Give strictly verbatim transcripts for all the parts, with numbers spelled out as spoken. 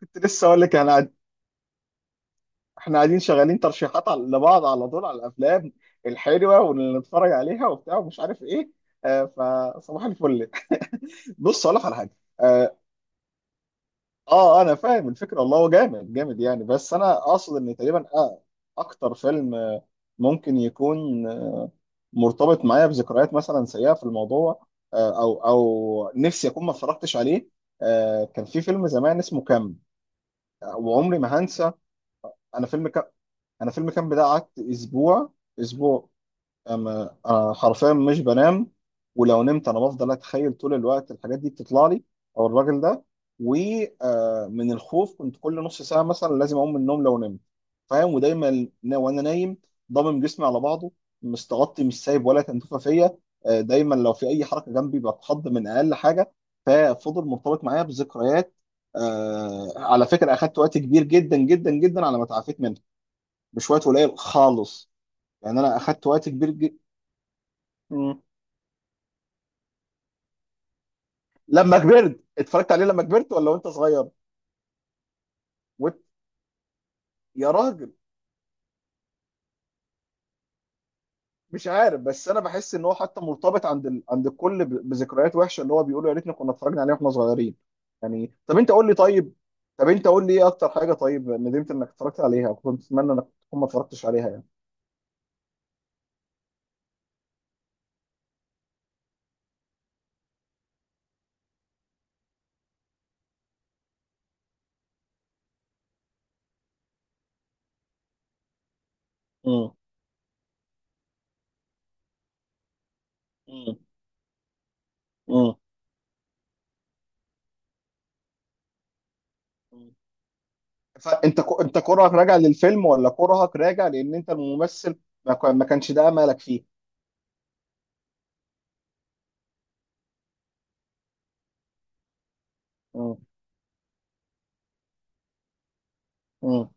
كنت لسه اقول لك انا. احنا قاعدين شغالين ترشيحات على- لبعض على طول على الافلام الحلوه واللي نتفرج عليها وبتاع ومش عارف ايه. آه، فصباح الفل. بص اقول لك على حاجه. اه آه، انا فاهم الفكره، والله هو جامد جامد يعني، بس انا اقصد ان تقريبا آه اكتر فيلم آه، ممكن يكون آه، مرتبط معايا بذكريات مثلا سيئه في الموضوع. آه، او او نفسي اكون ما اتفرجتش عليه. آه، كان في فيلم زمان اسمه كام، آه، وعمري ما هنسى. انا فيلم انا فيلم كامب ده قعدت اسبوع، اسبوع. أما انا حرفيا مش بنام، ولو نمت انا بفضل اتخيل طول الوقت الحاجات دي بتطلع لي، او الراجل ده. ومن الخوف كنت كل نص ساعه مثلا لازم اقوم من النوم لو نمت، فاهم؟ ودايما نا- وانا نايم ضامم جسمي على بعضه، مستغطي، مش سايب ولا تنتفه فيا. آه، دايما لو في اي حركه جنبي بتخض من اقل حاجه، ففضل مرتبط معايا بذكريات. آه، على فكره اخدت وقت كبير جدا جدا جدا على ما تعافيت منها بشوية قليل خالص، يعني انا اخدت وقت كبير جدا. مم. لما كبرت اتفرجت عليه، لما كبرت ولا وانت صغير؟ وانت؟ يا راجل، مش عارف، بس انا بحس ان هو حتى مرتبط عند ال... عند الكل ب... بذكريات وحشه، اللي هو بيقولوا يا ريتنا كنا اتفرجنا عليه واحنا صغيرين. يعني طب انت قول لي، طيب طب انت قول لي ايه اكتر حاجه طيب ندمت انك اتفرجت عليها، كنت اتمنى انك تكون ما اتفرجتش عليها يعني. مم. مم. مم. مم. فانت ك... انت كرهك راجع للفيلم ولا كرهك راجع لان انت الممثل ما, ك... ما كانش ده املك فيه؟ مم.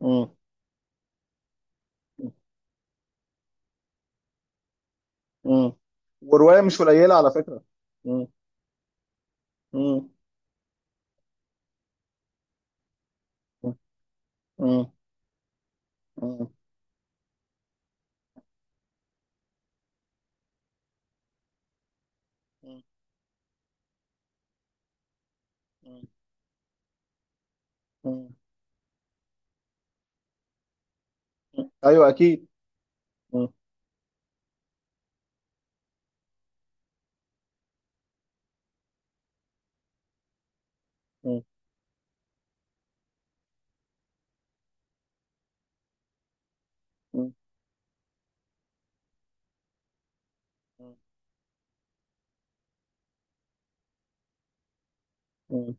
مم. مم. ورواية مش قليلة على فكرة. مم. مم. مم. مم. مم. مم. أيوة أكيد. مم. مم. مم. مم.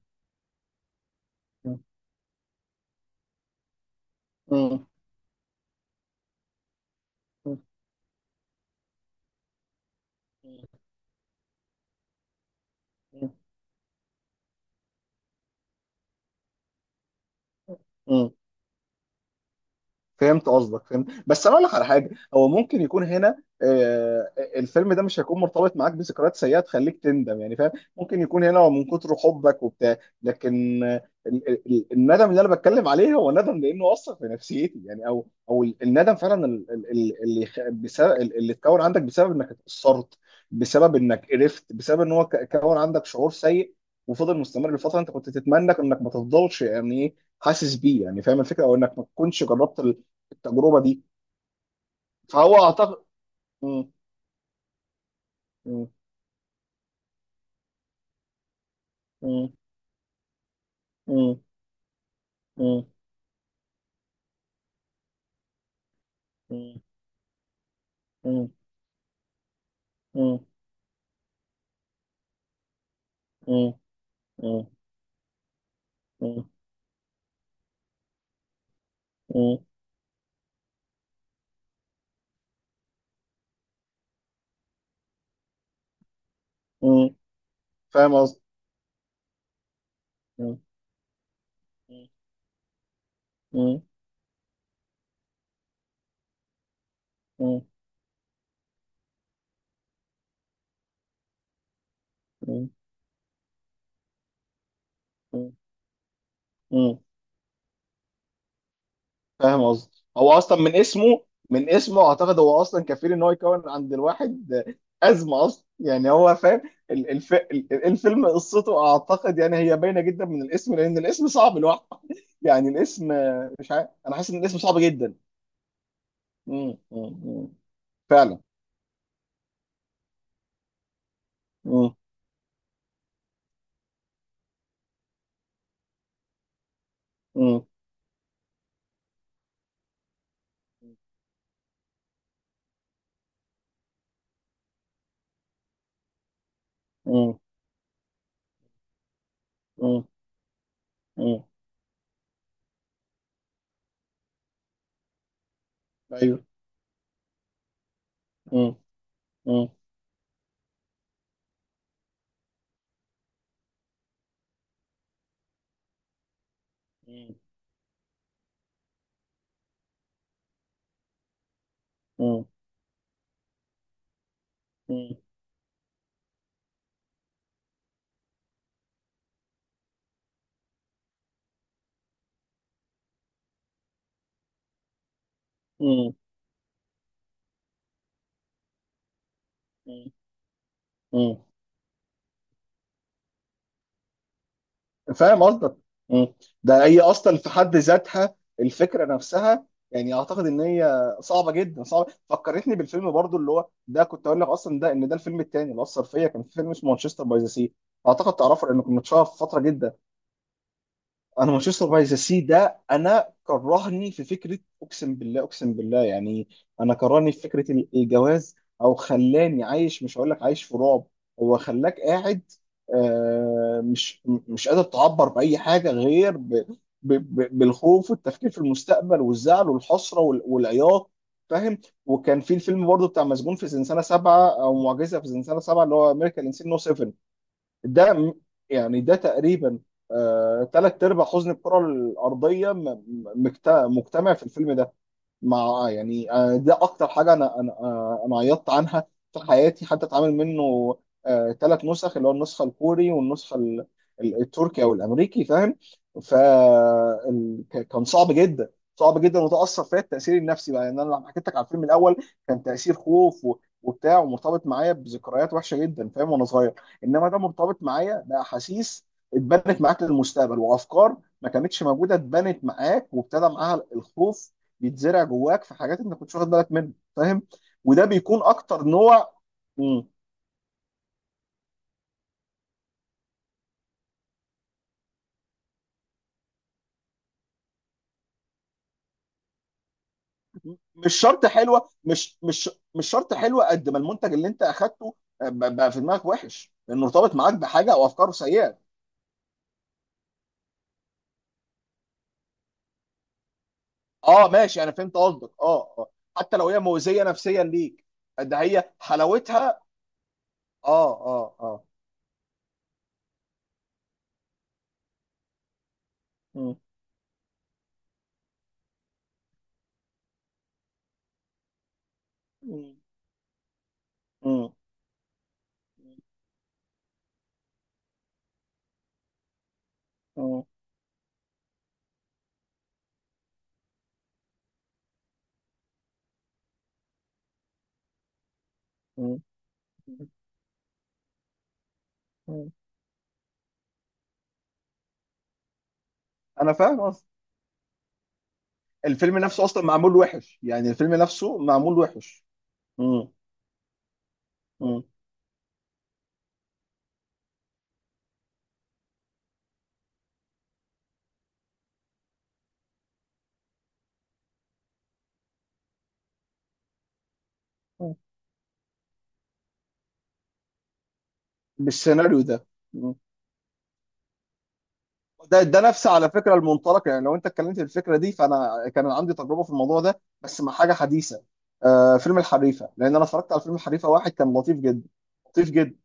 مم. مم. مم. فهمت قصدك، فهمت، بس انا اقول لك على حاجه. هو ممكن يكون هنا آه، الفيلم ده مش هيكون مرتبط معاك بذكريات سيئه تخليك تندم، يعني فاهم؟ ممكن يكون هنا هو من كتر حبك وبتاع، لكن آه، ال- ال- الندم اللي انا بتكلم عليه هو ندم لانه اثر في نفسيتي، يعني او او ال- الندم فعلا ال- ال- ال- اللي خ- بسبب ال- اللي اتكون عندك بسبب انك اتاثرت، بسبب انك قرفت، بسبب ان هو ك- كون عندك شعور سيء وفضل مستمر لفتره انت كنت تتمنى انك ما تفضلش، يعني ايه، حاسس بيه يعني، فاهم الفكره؟ او انك ما تكونش جربت التجربه دي. فهو اعتقد. مم. مم. مم. مم. مم. مم. مم. مم. مم. مم. مم. مم. مم. فاهم قصدي. مم. مم. مم. مم. مم. مم. فاهم قصدي، هو اصلا من اسمه، من اسمه اعتقد هو اصلا كفيل ان هو يكون عند الواحد ازمه اصلا، يعني هو فاهم. ال- الف... ال- الفيلم قصته اعتقد يعني هي باينه جدا من الاسم، لان الاسم صعب لوحده يعني. الاسم مش عارف، انا حاسس ان الاسم صعب جدا. مم. مم. مم. فعلا. مم. مم. مم. مم. مم. ايوه. مم. مم. مم. مم. مم. مم. مم. فاهم قصدك. مم. ده هي اصلا في حد ذاتها الفكره نفسها، يعني اعتقد ان هي صعبه جدا، صعبه. فكرتني بالفيلم برضو اللي هو ده كنت اقول لك اصلا، ده ان ده الفيلم الثاني اللي اثر فيا، كان في فيلم اسمه مانشستر باي ذا سي، اعتقد تعرفه لانه كنت متشهر في فتره جدا. انا مانشستر باي ذا سي ده انا كرهني في فكره، اقسم بالله اقسم بالله يعني. انا كرهني في فكره ال- الجواز، او خلاني عايش، مش هقول لك عايش في رعب، هو خلاك قاعد آه، مش م- مش قادر تعبر باي حاجه غير ب ب ب بالخوف والتفكير في المستقبل والزعل والحسره وال- والعياط، فاهم؟ وكان في الفيلم برضه بتاع مسجون في زنزانه سبعه، او معجزه في زنزانه سبعه، اللي هو امريكان انسين نو سبعه، ده م- يعني ده تقريبا ثلاث ارباع حزن الكره الارضيه م- م- مجت- مجتمع في الفيلم ده. مع آه، يعني آه، ده اكتر حاجه انا انا آه، انا عيطت عنها في حياتي. حتى اتعامل منه ثلاث نسخ، اللي هو النسخه الكوري والنسخه ال- ال- التركي او الامريكي، فاهم؟ فكان صعب جدا، صعب جدا، وتاثر فيا التاثير النفسي بقى. يعني انا لما حكيت لك على الفيلم الاول كان تاثير خوف و- وبتاع، ومرتبط معايا بذكريات وحشه جدا، فاهم، وانا صغير. انما ده مرتبط معايا باحاسيس اتبنت معاك للمستقبل، وافكار ما كانتش موجوده اتبنت معاك، وابتدى معاها الخوف بيتزرع جواك في حاجات انت كنتش واخد بالك منها، فاهم؟ وده بيكون اكتر نوع. مم. مش شرط حلوه مش مش مش شرط حلوه قد ما المنتج اللي انت اخدته آه، ب- بقى في دماغك وحش انه ارتبط معاك بحاجه او افكاره سيئه. اه ماشي، انا فهمت قصدك، اه اه. حتى لو هي مؤذيه نفسيا ليك، ده هي حلاوتها. اه اه اه. مم. مم. مم. مم. مم. مم. انا فاهم قصدك. الفيلم نفسه اصلا معمول وحش، يعني الفيلم نفسه معمول وحش. مم. مم. مم. بالسيناريو ده. مم. ده ده نفس على فكره المنطلق، يعني لو انت اتكلمت في الفكره دي فانا كان عندي تجربه في الموضوع ده، بس مع حاجه حديثه. آه فيلم الحريفه، لان انا اتفرجت على فيلم الحريفه واحد كان لطيف جدا، لطيف جدا.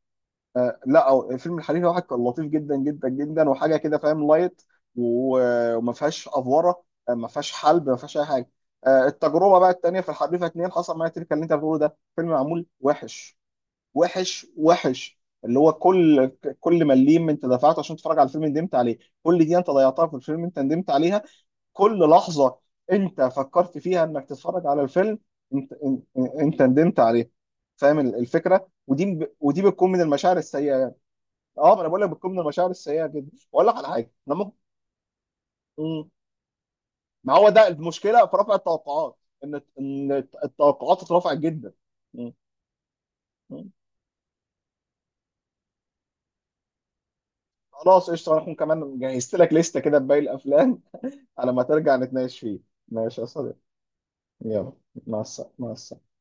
آه لا، أو فيلم الحريفه واحد كان لطيف جدا جدا جدا وحاجه كده، فاهم، لايت، و- وما فيهاش افوره، آه، ما فيهاش حلب، ما فيهاش اي حاجه. آه التجربه بقى التانيه في الحريفه اتنين حصل معايا تلك اللي انت بتقوله، ده فيلم معمول وحش، وحش وحش. اللي هو كل كل مليم انت دفعته عشان تتفرج على الفيلم ندمت عليه، كل دي انت ضيعتها في الفيلم انت ندمت عليها، كل لحظة انت فكرت فيها انك تتفرج على الفيلم انت انت, انت ندمت عليها، فاهم ال- الفكرة؟ ودي ب- ودي بتكون من المشاعر السيئة يعني. اه ما انا بقول لك بتكون من المشاعر السيئة جدا، واقول لك على حاجة انا ممكن. مم. ما هو ده المشكلة في رفع التوقعات، ان ان التوقعات اترفعت جدا. مم. مم. خلاص قشطة، انا هكون كمان جهزت لك لستة كده بباقي الافلام على ما ترجع نتناقش فيه. ماشي يا صديقي. يلا، مع السلامة، مع السلامة.